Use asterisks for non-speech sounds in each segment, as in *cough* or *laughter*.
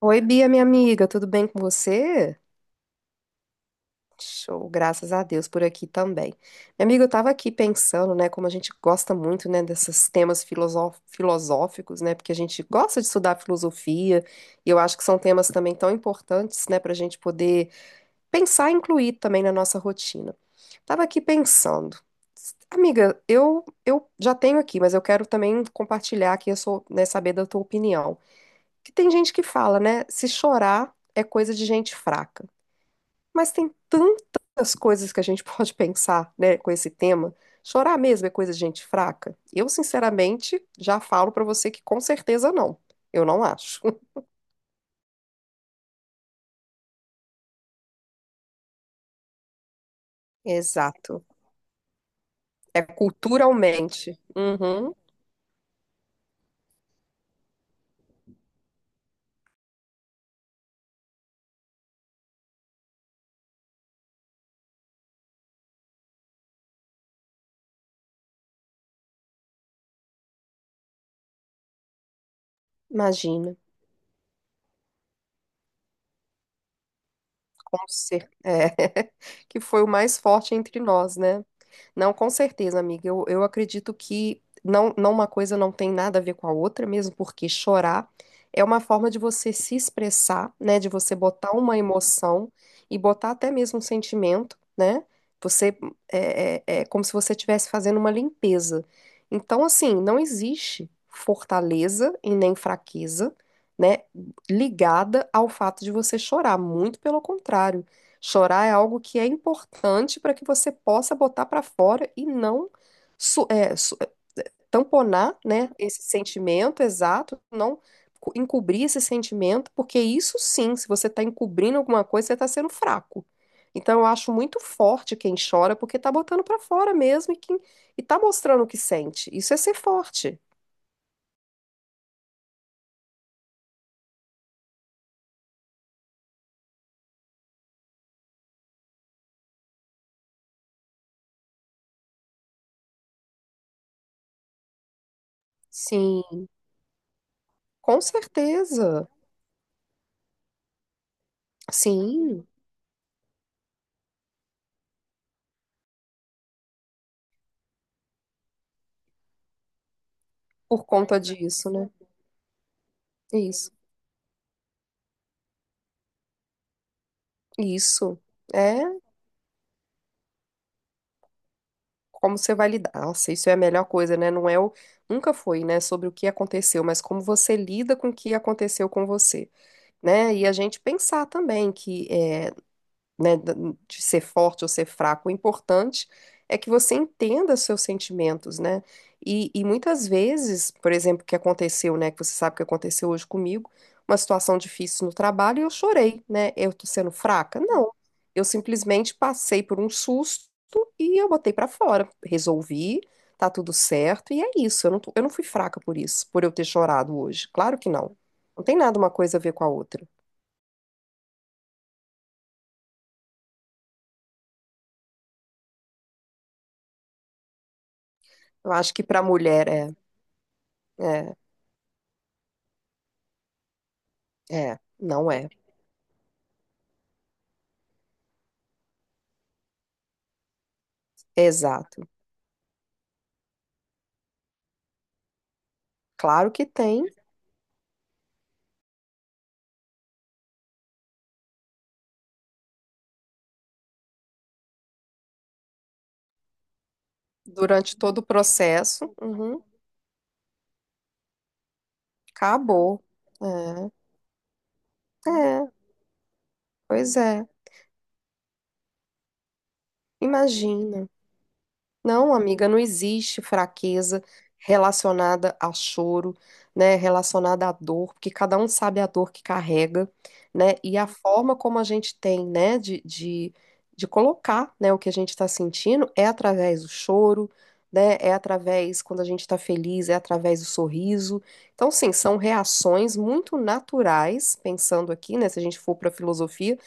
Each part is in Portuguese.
Oi, Bia, minha amiga, tudo bem com você? Show, graças a Deus por aqui também. Minha amiga, eu tava aqui pensando, né, como a gente gosta muito, né, desses temas filosóficos, né, porque a gente gosta de estudar filosofia, e eu acho que são temas também tão importantes, né, pra gente poder pensar e incluir também na nossa rotina. Tava aqui pensando, amiga, eu já tenho aqui, mas eu quero também compartilhar aqui, eu sou, né, saber da tua opinião que tem gente que fala, né? Se chorar é coisa de gente fraca. Mas tem tantas coisas que a gente *laughs* pode pensar, né, com esse tema. Chorar mesmo é coisa de gente fraca? Eu, sinceramente, já falo pra você que com certeza não. Eu não acho. *laughs* Exato. É culturalmente. Uhum, imagina. Com cer- é, *laughs* que foi o mais forte entre nós, né? Não, com certeza, amiga. Eu acredito que não, não uma coisa não tem nada a ver com a outra, mesmo porque chorar é uma forma de você se expressar, né? De você botar uma emoção e botar até mesmo um sentimento, né? Você é como se você estivesse fazendo uma limpeza. Então, assim, não existe fortaleza e nem fraqueza, né? Ligada ao fato de você chorar, muito pelo contrário. Chorar é algo que é importante para que você possa botar para fora e não su- é, su- tamponar, né, esse sentimento exato, não encobrir esse sentimento, porque isso sim, se você está encobrindo alguma coisa, você está sendo fraco. Então, eu acho muito forte quem chora, porque está botando para fora mesmo e tá mostrando o que sente. Isso é ser forte. Sim, com certeza. Sim. Por conta disso, né? Isso. Isso. É como você vai lidar. Nossa, isso é a melhor coisa, né? Não é o. Nunca foi, né? Sobre o que aconteceu, mas como você lida com o que aconteceu com você, né? E a gente pensar também que é, né, da- de ser forte ou ser fraco. O importante é que você entenda seus sentimentos, né? E muitas vezes, por exemplo, o que aconteceu, né, que você sabe que aconteceu hoje comigo, uma situação difícil no trabalho e eu chorei, né? Eu tô sendo fraca? Não. Eu simplesmente passei por um susto e eu botei pra fora. Resolvi, tá tudo certo e é isso. Eu não fui fraca por isso, por eu ter chorado hoje. Claro que não. Não tem nada uma coisa a ver com a outra. Eu acho que pra mulher é, é. É, não é. Exato. Claro que tem, durante todo o processo. Uhum, acabou. É, é, pois é. Imagina. Não, amiga, não existe fraqueza relacionada a choro, né, relacionada à dor, porque cada um sabe a dor que carrega, né, e a forma como a gente tem, né, de colocar, né, o que a gente está sentindo é através do choro, né, é através quando a gente está feliz, é através do sorriso. Então, sim, são reações muito naturais, pensando aqui, né, se a gente for para a filosofia,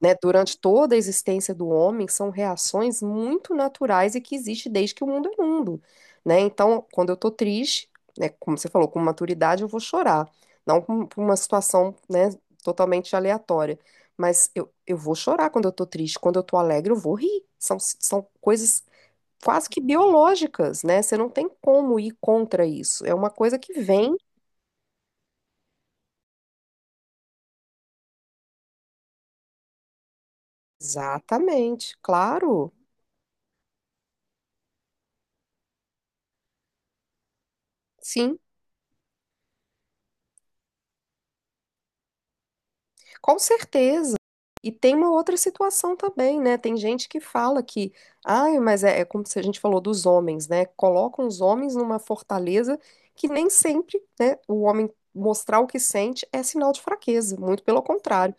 né, durante toda a existência do homem, são reações muito naturais e que existe desde que o mundo é mundo, né? Então, quando eu tô triste, né, como você falou, com maturidade eu vou chorar, não com uma situação, né, totalmente aleatória, mas eu vou chorar quando eu tô triste, quando eu tô alegre eu vou rir, são coisas quase que biológicas, né? Você não tem como ir contra isso, é uma coisa que vem. Exatamente, claro, sim. Com certeza. E tem uma outra situação também, né? Tem gente que fala que, ai, é como se a gente falou dos homens, né? Colocam os homens numa fortaleza que nem sempre, né, o homem mostrar o que sente é sinal de fraqueza, muito pelo contrário.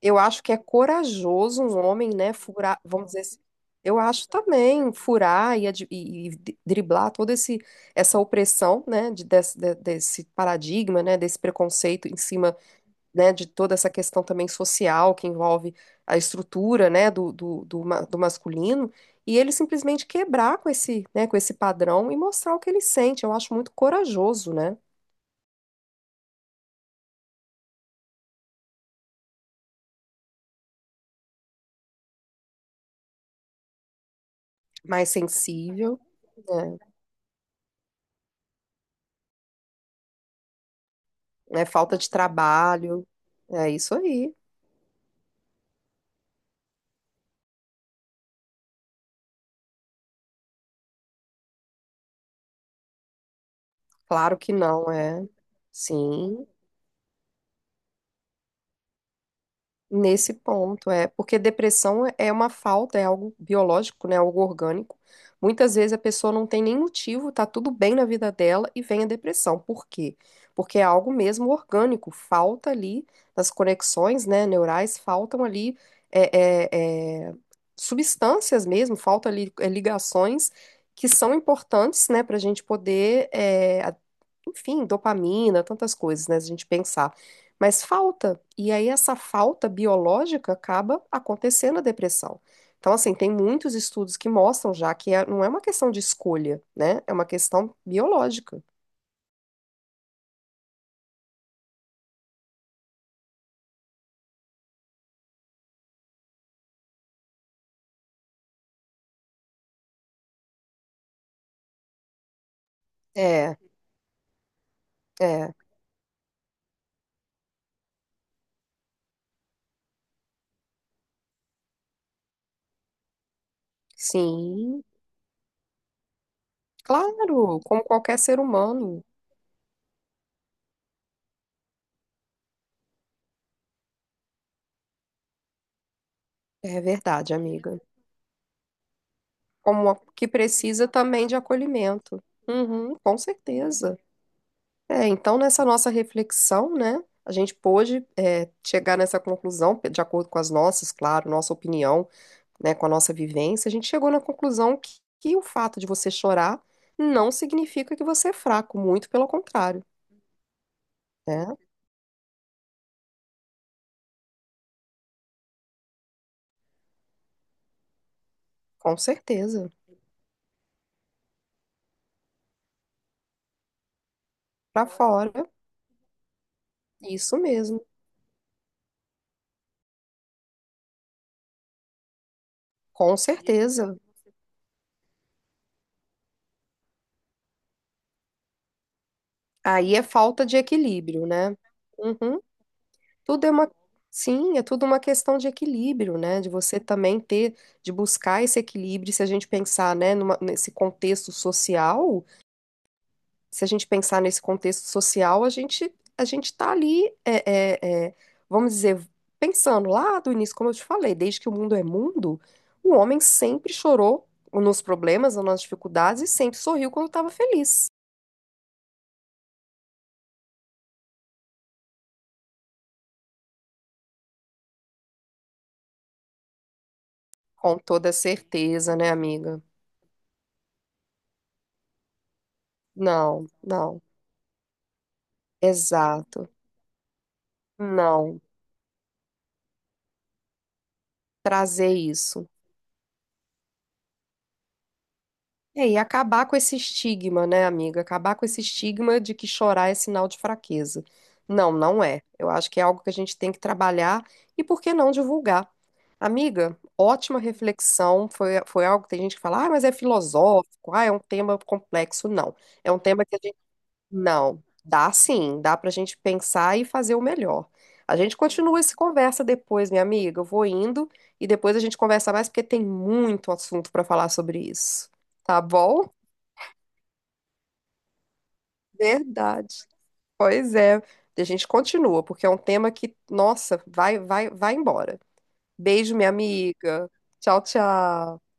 Eu acho que é corajoso um homem, né, furar, vamos dizer assim, eu acho também furar driblar toda esse, essa opressão, né, desse paradigma, né, desse preconceito em cima, né, de toda essa questão também social que envolve a estrutura, né, do masculino, e ele simplesmente quebrar com esse, né, com esse padrão e mostrar o que ele sente. Eu acho muito corajoso, né? Mais sensível, né? É falta de trabalho. É isso aí. Claro que não, é. Sim. Nesse ponto, é, porque depressão é uma falta, é algo biológico, né, algo orgânico. Muitas vezes a pessoa não tem nem motivo, tá tudo bem na vida dela e vem a depressão. Por quê? Porque é algo mesmo orgânico, falta ali nas conexões, né, neurais, faltam ali é, é, é, substâncias mesmo, faltam ali, é, ligações que são importantes, né, para a gente poder, é, enfim, dopamina, tantas coisas, né? Se a gente pensar. Mas falta. E aí essa falta biológica acaba acontecendo a depressão. Então, assim, tem muitos estudos que mostram já não é uma questão de escolha, né? É uma questão biológica. É, é, sim, claro, como qualquer ser humano. É verdade, amiga. Que precisa também de acolhimento. Uhum, com certeza. É, então, nessa nossa reflexão, né, a gente pôde, é, chegar nessa conclusão, de acordo com as nossas, claro, nossa opinião, né, com a nossa vivência, a gente chegou na conclusão que o fato de você chorar não significa que você é fraco, muito pelo contrário, né? Com certeza. Pra fora, isso mesmo, com certeza. Aí é falta de equilíbrio, né? Uhum. Tudo é uma, sim, é tudo uma questão de equilíbrio, né? De você também ter, de buscar esse equilíbrio. Se a gente pensar, né, nesse contexto social, se a gente pensar nesse contexto social, a gente está ali, é, é, vamos dizer, pensando lá do início, como eu te falei, desde que o mundo é mundo, o homem sempre chorou nos problemas, nas dificuldades e sempre sorriu quando estava feliz. Com toda certeza, né, amiga? Não, não. Exato. Não. Trazer isso. É, e acabar com esse estigma, né, amiga? Acabar com esse estigma de que chorar é sinal de fraqueza. Não, não é. Eu acho que é algo que a gente tem que trabalhar e por que não divulgar? Amiga, ótima reflexão. Foi algo que tem gente que fala, ah, mas é filosófico, ah, é um tema complexo. Não. É um tema que a... Não, dá sim, dá pra gente pensar e fazer o melhor. A gente continua essa conversa depois, minha amiga. Eu vou indo e depois a gente conversa mais porque tem muito assunto pra falar sobre isso. Tá bom? Verdade. Pois é. A gente continua, porque é um tema que, nossa, vai embora. Beijo, minha amiga. Tchau, tchau.